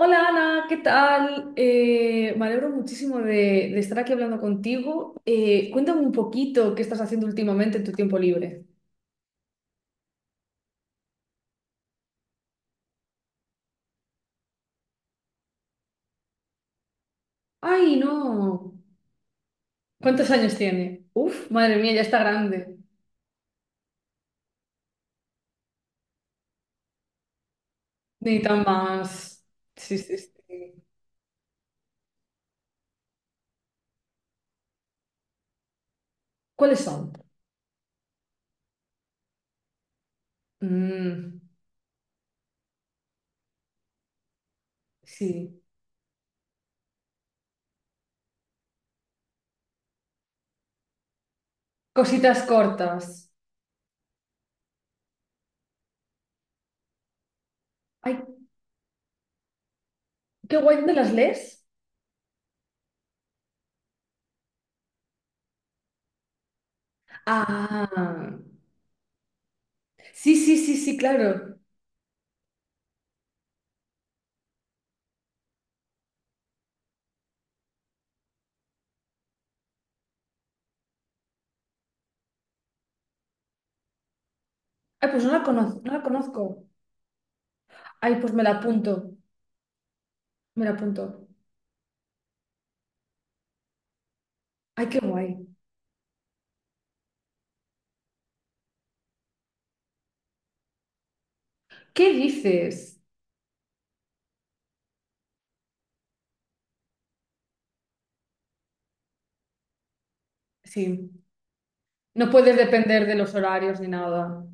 Hola Ana, ¿qué tal? Me alegro muchísimo de estar aquí hablando contigo. Cuéntame un poquito qué estás haciendo últimamente en tu tiempo libre. ¡Ay, no! ¿Cuántos años tiene? Uf, madre mía, ya está grande. Necesitan más. Sí, sí, sí. ¿Cuáles son? Mm, sí. Cositas cortas. Ay, qué guay, ¿dónde las lees? Ah, sí, sí, sí, sí, claro. Ay, pues no la conozco, no la conozco. Ay, pues me la apunto, me la apunto. Ay, qué guay. ¿Qué dices? Sí, no puedes depender de los horarios ni nada.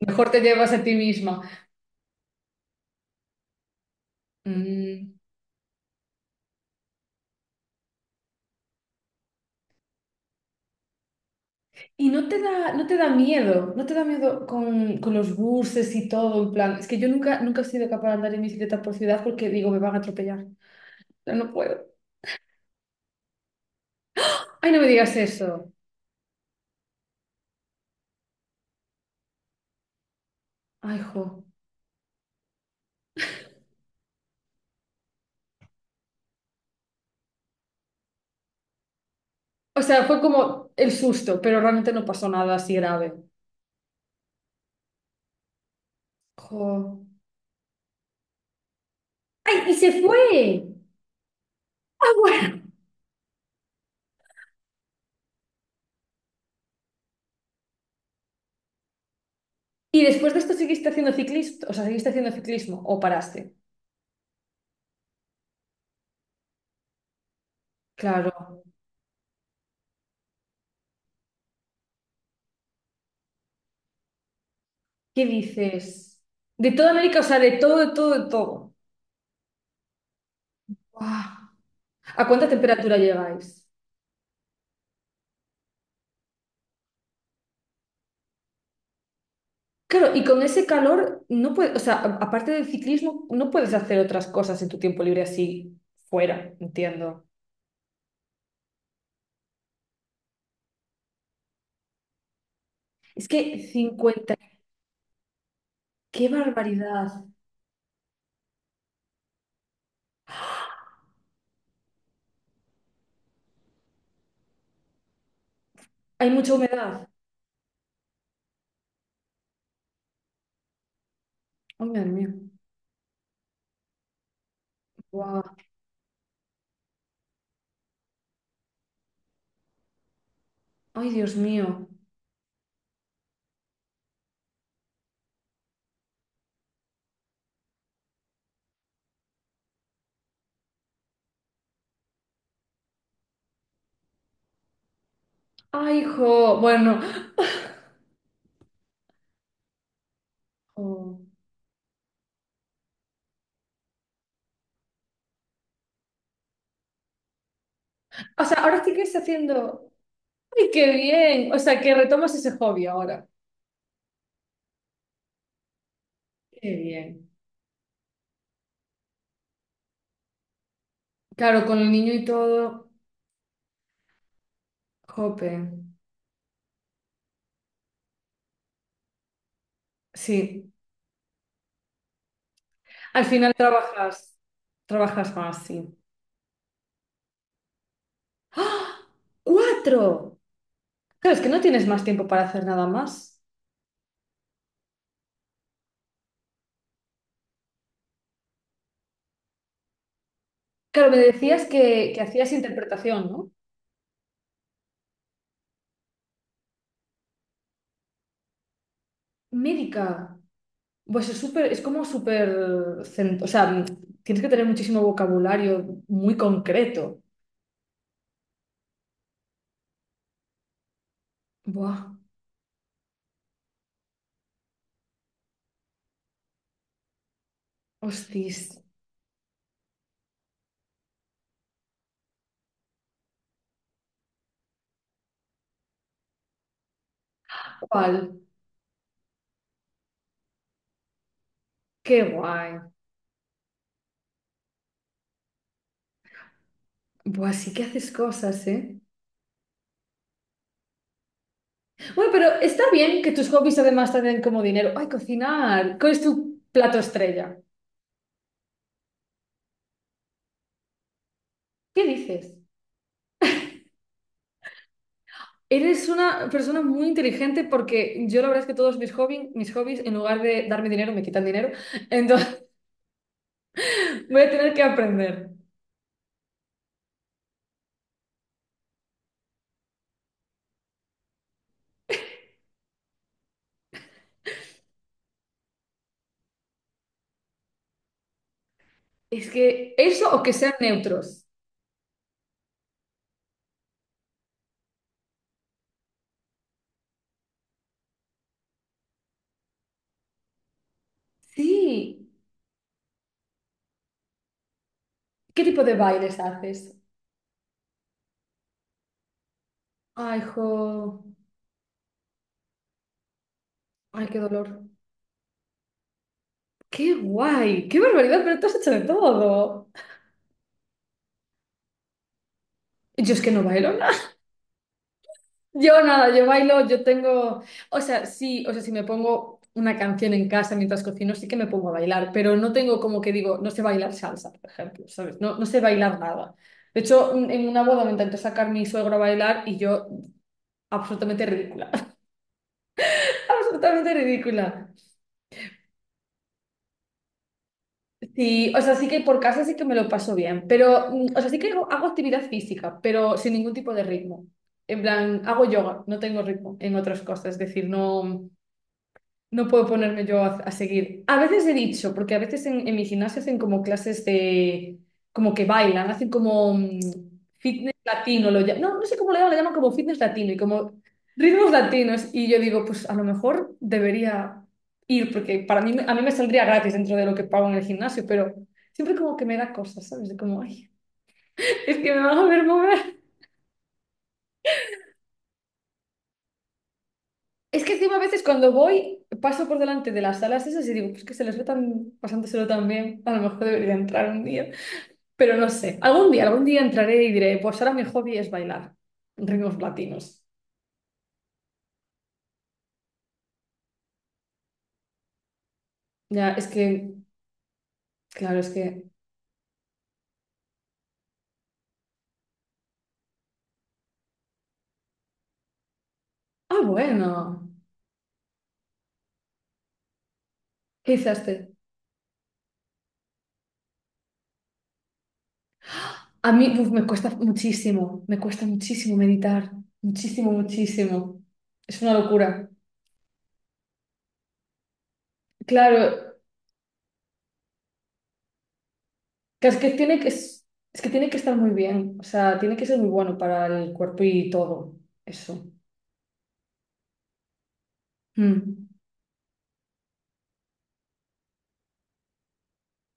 Mejor te llevas a ti misma. Mm. Y no te da, no te da miedo, no te da miedo con los buses y todo, en plan. Es que yo nunca, nunca he sido capaz de andar en bicicleta por ciudad porque digo, me van a atropellar. Pero no puedo. Ay, no me digas eso. Ay, jo. O sea, fue como el susto, pero realmente no pasó nada así grave. Jo. ¡Ay, y se fue! Ah, bueno. Y después de esto seguiste haciendo ciclismo, o sea, seguiste haciendo ciclismo o paraste. Claro. ¿Qué dices? De toda América, o sea, de todo, de todo, de todo. ¡Guau! ¿A cuánta temperatura llegáis? Claro, y con ese calor no puedes, o sea, aparte del ciclismo, no puedes hacer otras cosas en tu tiempo libre así fuera, entiendo. Es que cincuenta, qué barbaridad. Hay mucha humedad. Ay, madre mía. Guau. Ay, Dios mío. Ay, hijo. Bueno. O sea, ahora sí que estás haciendo. ¡Ay, qué bien! O sea, que retomas ese hobby ahora. Qué bien. Claro, con el niño y todo, jope. Sí. Al final trabajas, trabajas más, sí. ¡Ah! ¡Cuatro! Claro, es que no tienes más tiempo para hacer nada más. Claro, me decías que hacías interpretación, ¿no? Médica. Pues es súper, es como súper, o sea, tienes que tener muchísimo vocabulario muy concreto. Buah, hostis. ¿Cuál? Qué guay. Pues sí que haces cosas, ¿eh? Bueno, pero está bien que tus hobbies además te den como dinero. ¡Ay, cocinar! ¿Cuál es tu plato estrella? ¿Qué dices? Eres una persona muy inteligente porque yo la verdad es que todos mis hobbies, en lugar de darme dinero, me quitan dinero. Entonces voy a tener que aprender. Es que eso o que sean neutros. Sí. ¿Qué tipo de bailes haces? Ay, jo. Ay, qué dolor. Qué guay. Qué barbaridad, pero tú has hecho de todo. Yo es que no bailo nada. Yo nada, yo bailo, yo tengo, o sea, sí, o sea, si me pongo una canción en casa mientras cocino, sí que me pongo a bailar, pero no tengo como que digo, no sé bailar salsa, por ejemplo, ¿sabes? No, no sé bailar nada. De hecho, en una boda me intentó sacar mi suegro a bailar y yo, absolutamente ridícula, absolutamente ridícula. Sí, o sea, sí que por casa sí que me lo paso bien, pero, mm, o sea, sí que hago, hago actividad física, pero sin ningún tipo de ritmo. En plan, hago yoga, no tengo ritmo en otras cosas, es decir, no. No puedo ponerme yo a seguir. A veces he dicho, porque a veces en mi gimnasio hacen como clases de, como que bailan, hacen como fitness latino, no, no sé cómo le llaman como fitness latino y como ritmos latinos. Y yo digo, pues a lo mejor debería ir, porque para mí, a mí me saldría gratis dentro de lo que pago en el gimnasio, pero siempre como que me da cosas, ¿sabes? De como, ay, es que me van a ver mover. Es que encima a veces cuando voy, paso por delante de las salas esas y digo, pues que se les ve tan, pasándoselo tan bien, a lo mejor debería entrar un día, pero no sé, algún día entraré y diré, pues ahora mi hobby es bailar ritmos latinos. Ya, es que, claro, es que, ah, bueno, ¿qué hiciste? A mí uf, me cuesta muchísimo meditar, muchísimo, muchísimo. Es una locura. Claro, que tiene que, es que tiene que estar muy bien, o sea, tiene que ser muy bueno para el cuerpo y todo eso. Mm,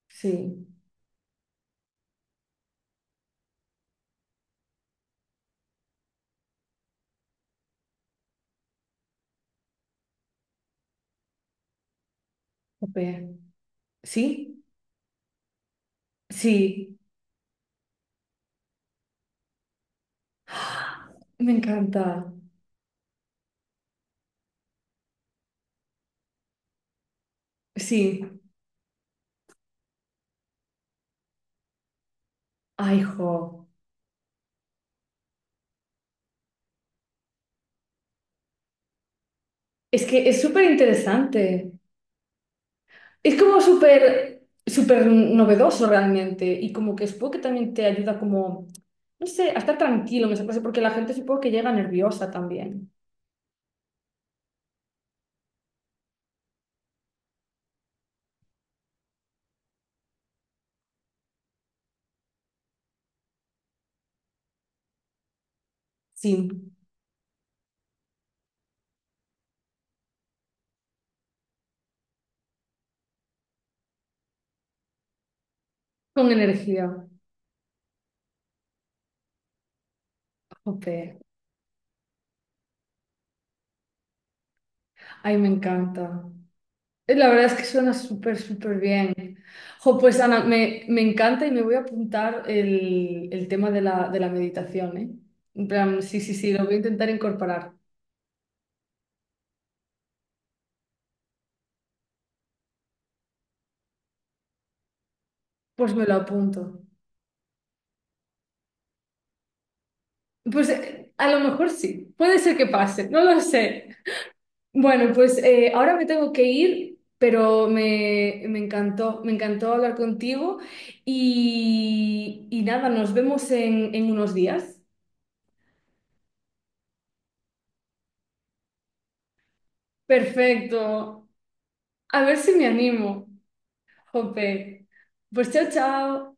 sí, jope. ¿Sí? Sí. ¡Ah! Me encanta. Sí. Ay, jo. Es que es súper interesante. Es como súper, súper novedoso realmente y como que supongo que también te ayuda como, no sé, a estar tranquilo, me parece, porque la gente supongo que llega nerviosa también. Sí, con energía. Ok. Ay, me encanta. La verdad es que suena súper, súper bien. Jo, pues Ana, me encanta y me voy a apuntar el tema de de la meditación, ¿eh? En plan, sí, sí, sí, lo voy a intentar incorporar. Pues me lo apunto. Pues a lo mejor sí, puede ser que pase, no lo sé. Bueno, pues ahora me tengo que ir, pero me encantó hablar contigo y nada, nos vemos en unos días. Perfecto. A ver si me animo. Jope. Pues chao, chao.